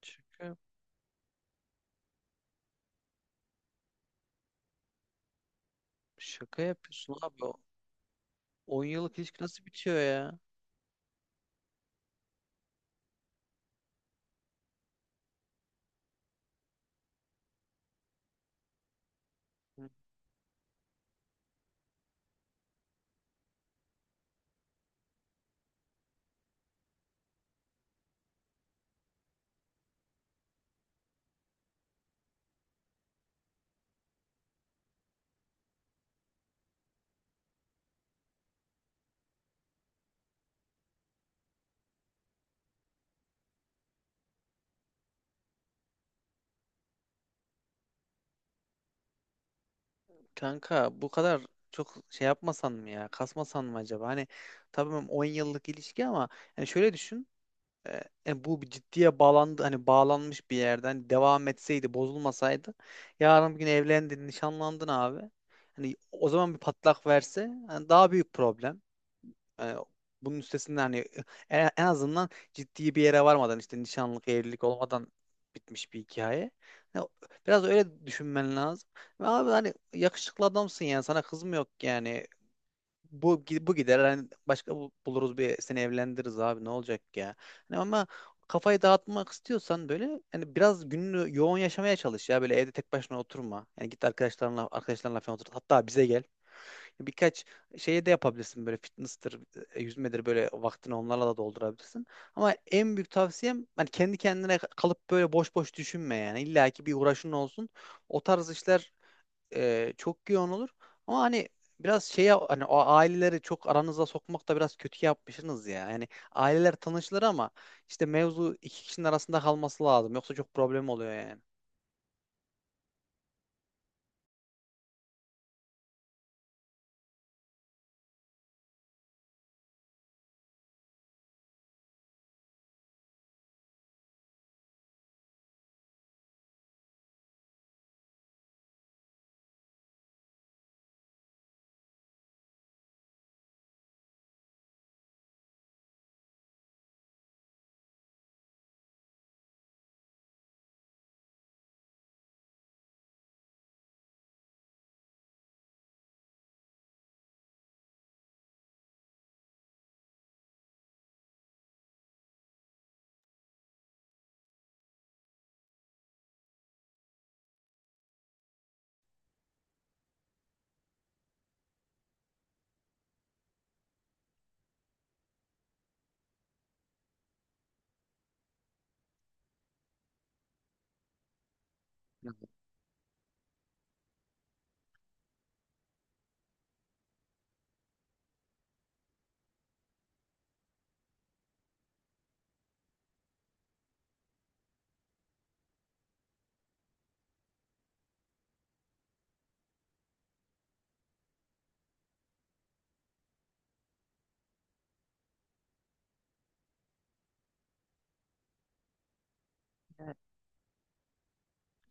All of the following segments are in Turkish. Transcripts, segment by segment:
Şaka, şaka yapıyorsun abi. O 10 yıllık ilişki nasıl bitiyor ya? Kanka bu kadar çok şey yapmasan mı ya? Kasmasan mı acaba? Hani tamam 10 yıllık ilişki ama hani şöyle düşün. e, Bu bir ciddiye bağlandı, hani bağlanmış bir yerden hani devam etseydi, bozulmasaydı yarın bir gün evlendin, nişanlandın abi. Hani o zaman bir patlak verse hani daha büyük problem. Yani bunun üstesinden hani en azından ciddi bir yere varmadan, işte nişanlık, evlilik olmadan bitmiş bir hikaye. Ya, biraz öyle düşünmen lazım. Ve abi hani yakışıklı adamsın, yani sana kız mı yok yani. Bu gider, hani başka buluruz, bir seni evlendiririz abi, ne olacak ya. Hani ama kafayı dağıtmak istiyorsan böyle, hani biraz gününü yoğun yaşamaya çalış ya, böyle evde tek başına oturma. Yani git arkadaşlarınla falan otur. Hatta bize gel. Birkaç şeye de yapabilirsin, böyle fitness'tır, yüzmedir, böyle vaktini onlarla da doldurabilirsin. Ama en büyük tavsiyem, hani kendi kendine kalıp böyle boş boş düşünme yani. İlla ki bir uğraşın olsun. O tarz işler çok yoğun olur. Ama hani biraz şeye, hani o aileleri çok aranıza sokmak da biraz kötü yapmışsınız ya. Yani aileler tanışılır ama işte mevzu iki kişinin arasında kalması lazım. Yoksa çok problem oluyor yani.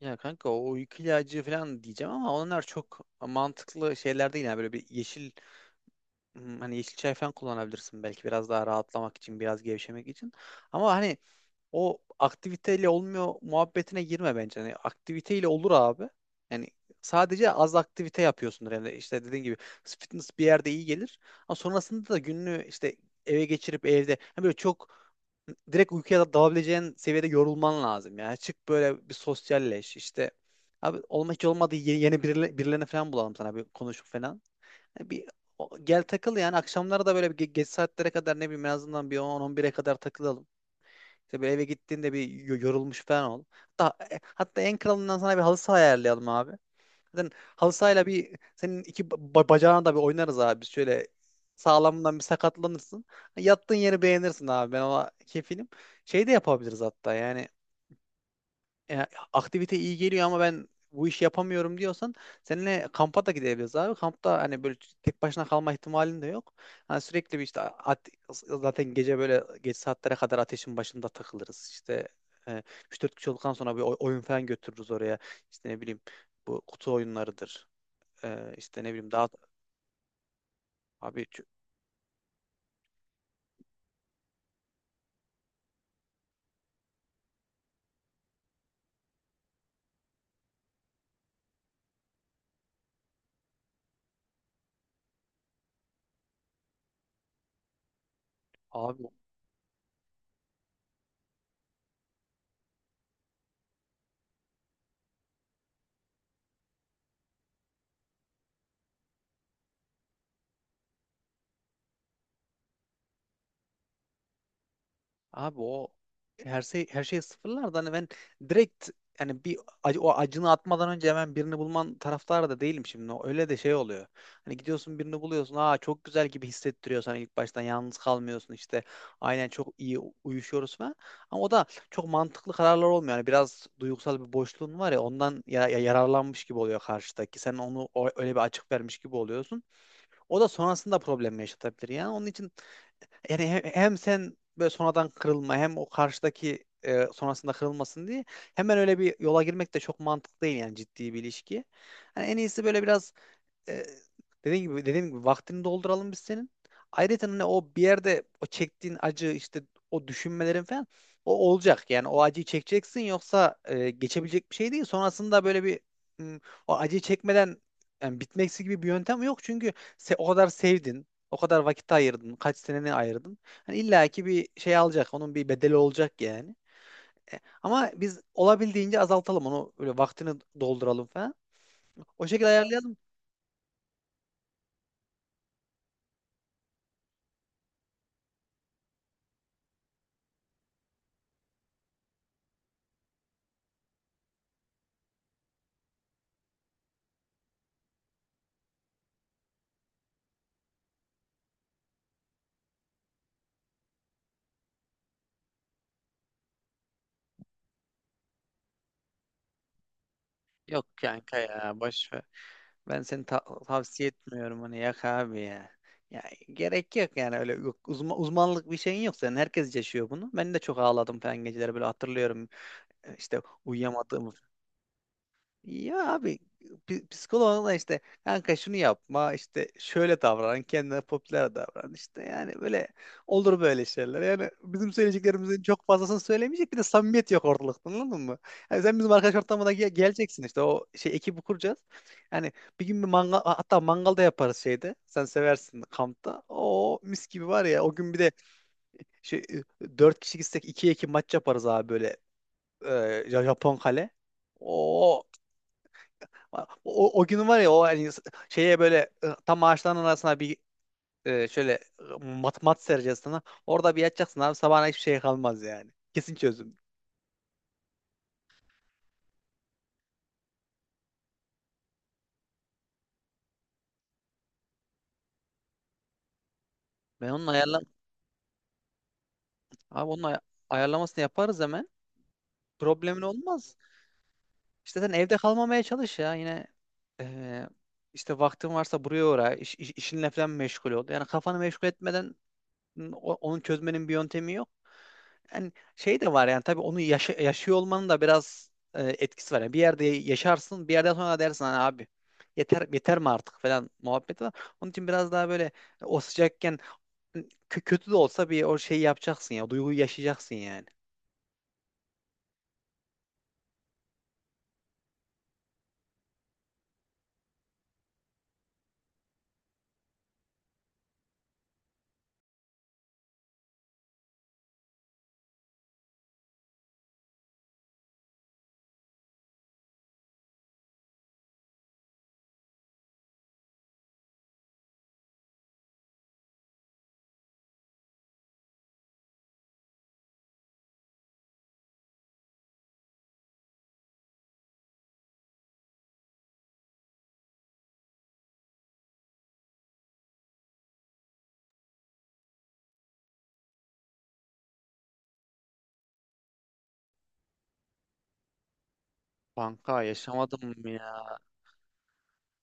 Ya kanka, o uyku ilacı falan diyeceğim ama onlar çok mantıklı şeyler değil. Yani böyle bir yeşil, hani yeşil çay falan kullanabilirsin belki, biraz daha rahatlamak için, biraz gevşemek için. Ama hani o aktiviteyle olmuyor muhabbetine girme bence. Yani aktiviteyle olur abi. Yani sadece az aktivite yapıyorsundur. Yani işte dediğin gibi, fitness bir yerde iyi gelir. Ama sonrasında da gününü işte eve geçirip evde yani böyle çok direkt uykuya dalabileceğin seviyede yorulman lazım. Yani çık, böyle bir sosyalleş işte. Abi olma, hiç olmadı yeni birilerini falan bulalım sana, bir konuşup falan. Yani bir gel takıl, yani akşamları da böyle bir geç saatlere kadar, ne bileyim, en azından bir 10-11'e kadar takılalım. Tabii eve gittiğinde bir yorulmuş falan ol. Hatta, hatta, en kralından sana bir halı saha ayarlayalım abi. Zaten halı sahayla bir senin iki bacağına da bir oynarız abi. Şöyle sağlamından bir sakatlanırsın. Yattığın yeri beğenirsin abi. Ben ona kefilim. Şey de yapabiliriz hatta, yani e, aktivite iyi geliyor ama ben bu işi yapamıyorum diyorsan seninle kampa da gidebiliriz abi. Kampta hani böyle tek başına kalma ihtimalin de yok. Hani sürekli bir işte zaten gece böyle geç saatlere kadar ateşin başında takılırız. İşte e, 3-4 kişi olduktan sonra bir oyun falan götürürüz oraya. İşte, ne bileyim, bu kutu oyunlarıdır. İşte ne bileyim daha abi ç- abi. O her şey sıfırlar da, hani ben direkt, yani bir o acını atmadan önce hemen birini bulman taraftarı da değilim şimdi. Öyle de şey oluyor. Hani gidiyorsun, birini buluyorsun. Aa, çok güzel gibi hissettiriyor sana ilk baştan, yalnız kalmıyorsun işte. Aynen, çok iyi uyuşuyoruz falan. Ama o da çok mantıklı kararlar olmuyor. Yani biraz duygusal bir boşluğun var ya, ondan yararlanmış gibi oluyor karşıdaki. Sen onu öyle bir açık vermiş gibi oluyorsun. O da sonrasında problem yaşatabilir. Yani onun için, yani hem sen böyle sonradan kırılma, hem o karşıdaki sonrasında kırılmasın diye hemen öyle bir yola girmek de çok mantıklı değil, yani ciddi bir ilişki. Hani en iyisi böyle biraz, e, dediğim gibi vaktini dolduralım biz senin. Ayrıca hani o bir yerde o çektiğin acı, işte o düşünmelerin falan, o olacak. Yani o acıyı çekeceksin, yoksa geçebilecek bir şey değil. Sonrasında böyle bir, hmm, o acıyı çekmeden yani bitmeksi gibi bir yöntem yok. Çünkü o kadar sevdin, o kadar vakit ayırdın, kaç seneni ayırdın. Hani illa ki bir şey alacak, onun bir bedeli olacak yani. Ama biz olabildiğince azaltalım onu, böyle vaktini dolduralım falan. O şekilde ayarlayalım. Yok kanka ya, boş ver. Ben seni tavsiye etmiyorum onu, yak abi ya. Ya gerek yok yani, öyle yok, uzmanlık bir şeyin yok senin. Herkes yaşıyor bunu. Ben de çok ağladım falan geceleri, böyle hatırlıyorum. İşte uyuyamadığımı, ya abi, psikoloğuna da işte, kanka şunu yapma, işte şöyle davran, kendine popüler davran, işte yani böyle olur böyle şeyler, yani bizim söyleyeceklerimizin çok fazlasını söylemeyecek, bir de samimiyet yok ortalıkta, anladın mı? Yani sen bizim arkadaş ortamına geleceksin, işte o şey ekibi kuracağız, yani bir gün bir mangal, hatta mangalda yaparız şeyde, sen seversin kampta o mis gibi var ya o gün, bir de şey, dört kişi gitsek iki iki maç yaparız abi, böyle Japon kale. O gün var ya, o hani şeye böyle, tam ağaçların arasına bir, şöyle, mat mat sereceğiz sana. Orada bir yatacaksın abi, sabahına hiçbir şey kalmaz yani. Kesin çözüm. Ben onun ayarla Abi onun ayarlamasını yaparız hemen. Problemin olmaz. İşte sen evde kalmamaya çalış ya, yine e, işte vaktin varsa buraya uğra. İş, iş- işinle falan meşgul ol. Yani kafanı meşgul etmeden onu çözmenin bir yöntemi yok. Yani şey de var, yani tabii onu yaşıyor olmanın da biraz etkisi var. Yani bir yerde yaşarsın, bir yerden sonra dersin hani abi, yeter, yeter mi artık falan muhabbeti var. Onun için biraz daha böyle o sıcakken, hani kötü de olsa bir o şeyi yapacaksın ya, duyguyu yaşayacaksın yani. Kanka, yaşamadım ya.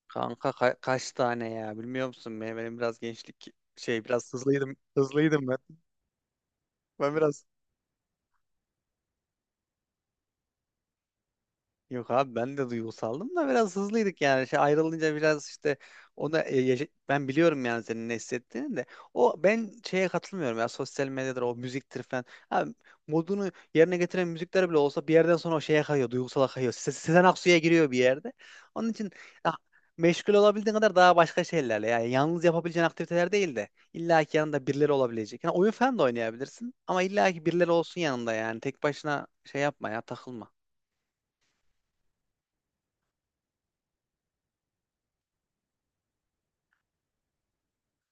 Kanka, kaç tane ya, bilmiyor musun? Benim biraz gençlik şey, biraz hızlıydım. Hızlıydım ben. Ben biraz Yok abi, ben de duygusaldım da biraz hızlıydık yani. Şey, ayrılınca biraz işte ona, ben biliyorum yani senin ne hissettiğini de. O, ben şeye katılmıyorum ya, sosyal medyadır, o müziktir falan. Abi, modunu yerine getiren müzikler bile olsa bir yerden sonra o şeye kayıyor, duygusala kayıyor. Sezen Aksu'ya giriyor bir yerde. Onun için ya, meşgul olabildiğin kadar daha başka şeylerle, yani yalnız yapabileceğin aktiviteler değil de illa ki yanında birileri olabilecek. Yani oyun falan da oynayabilirsin, ama illa ki birileri olsun yanında, yani tek başına şey yapma ya, takılma.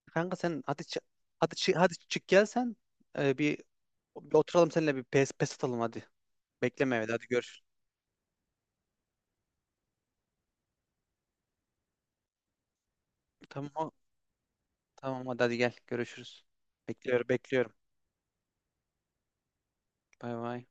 Kanka sen hadi, hadi çık gel sen. Ee, bir, bir oturalım seninle, bir pes pes atalım hadi. Bekleme evde, hadi görüş. Tamam o- tamam, hadi hadi gel, görüşürüz. Bekliyorum, bekliyorum. Bay bay.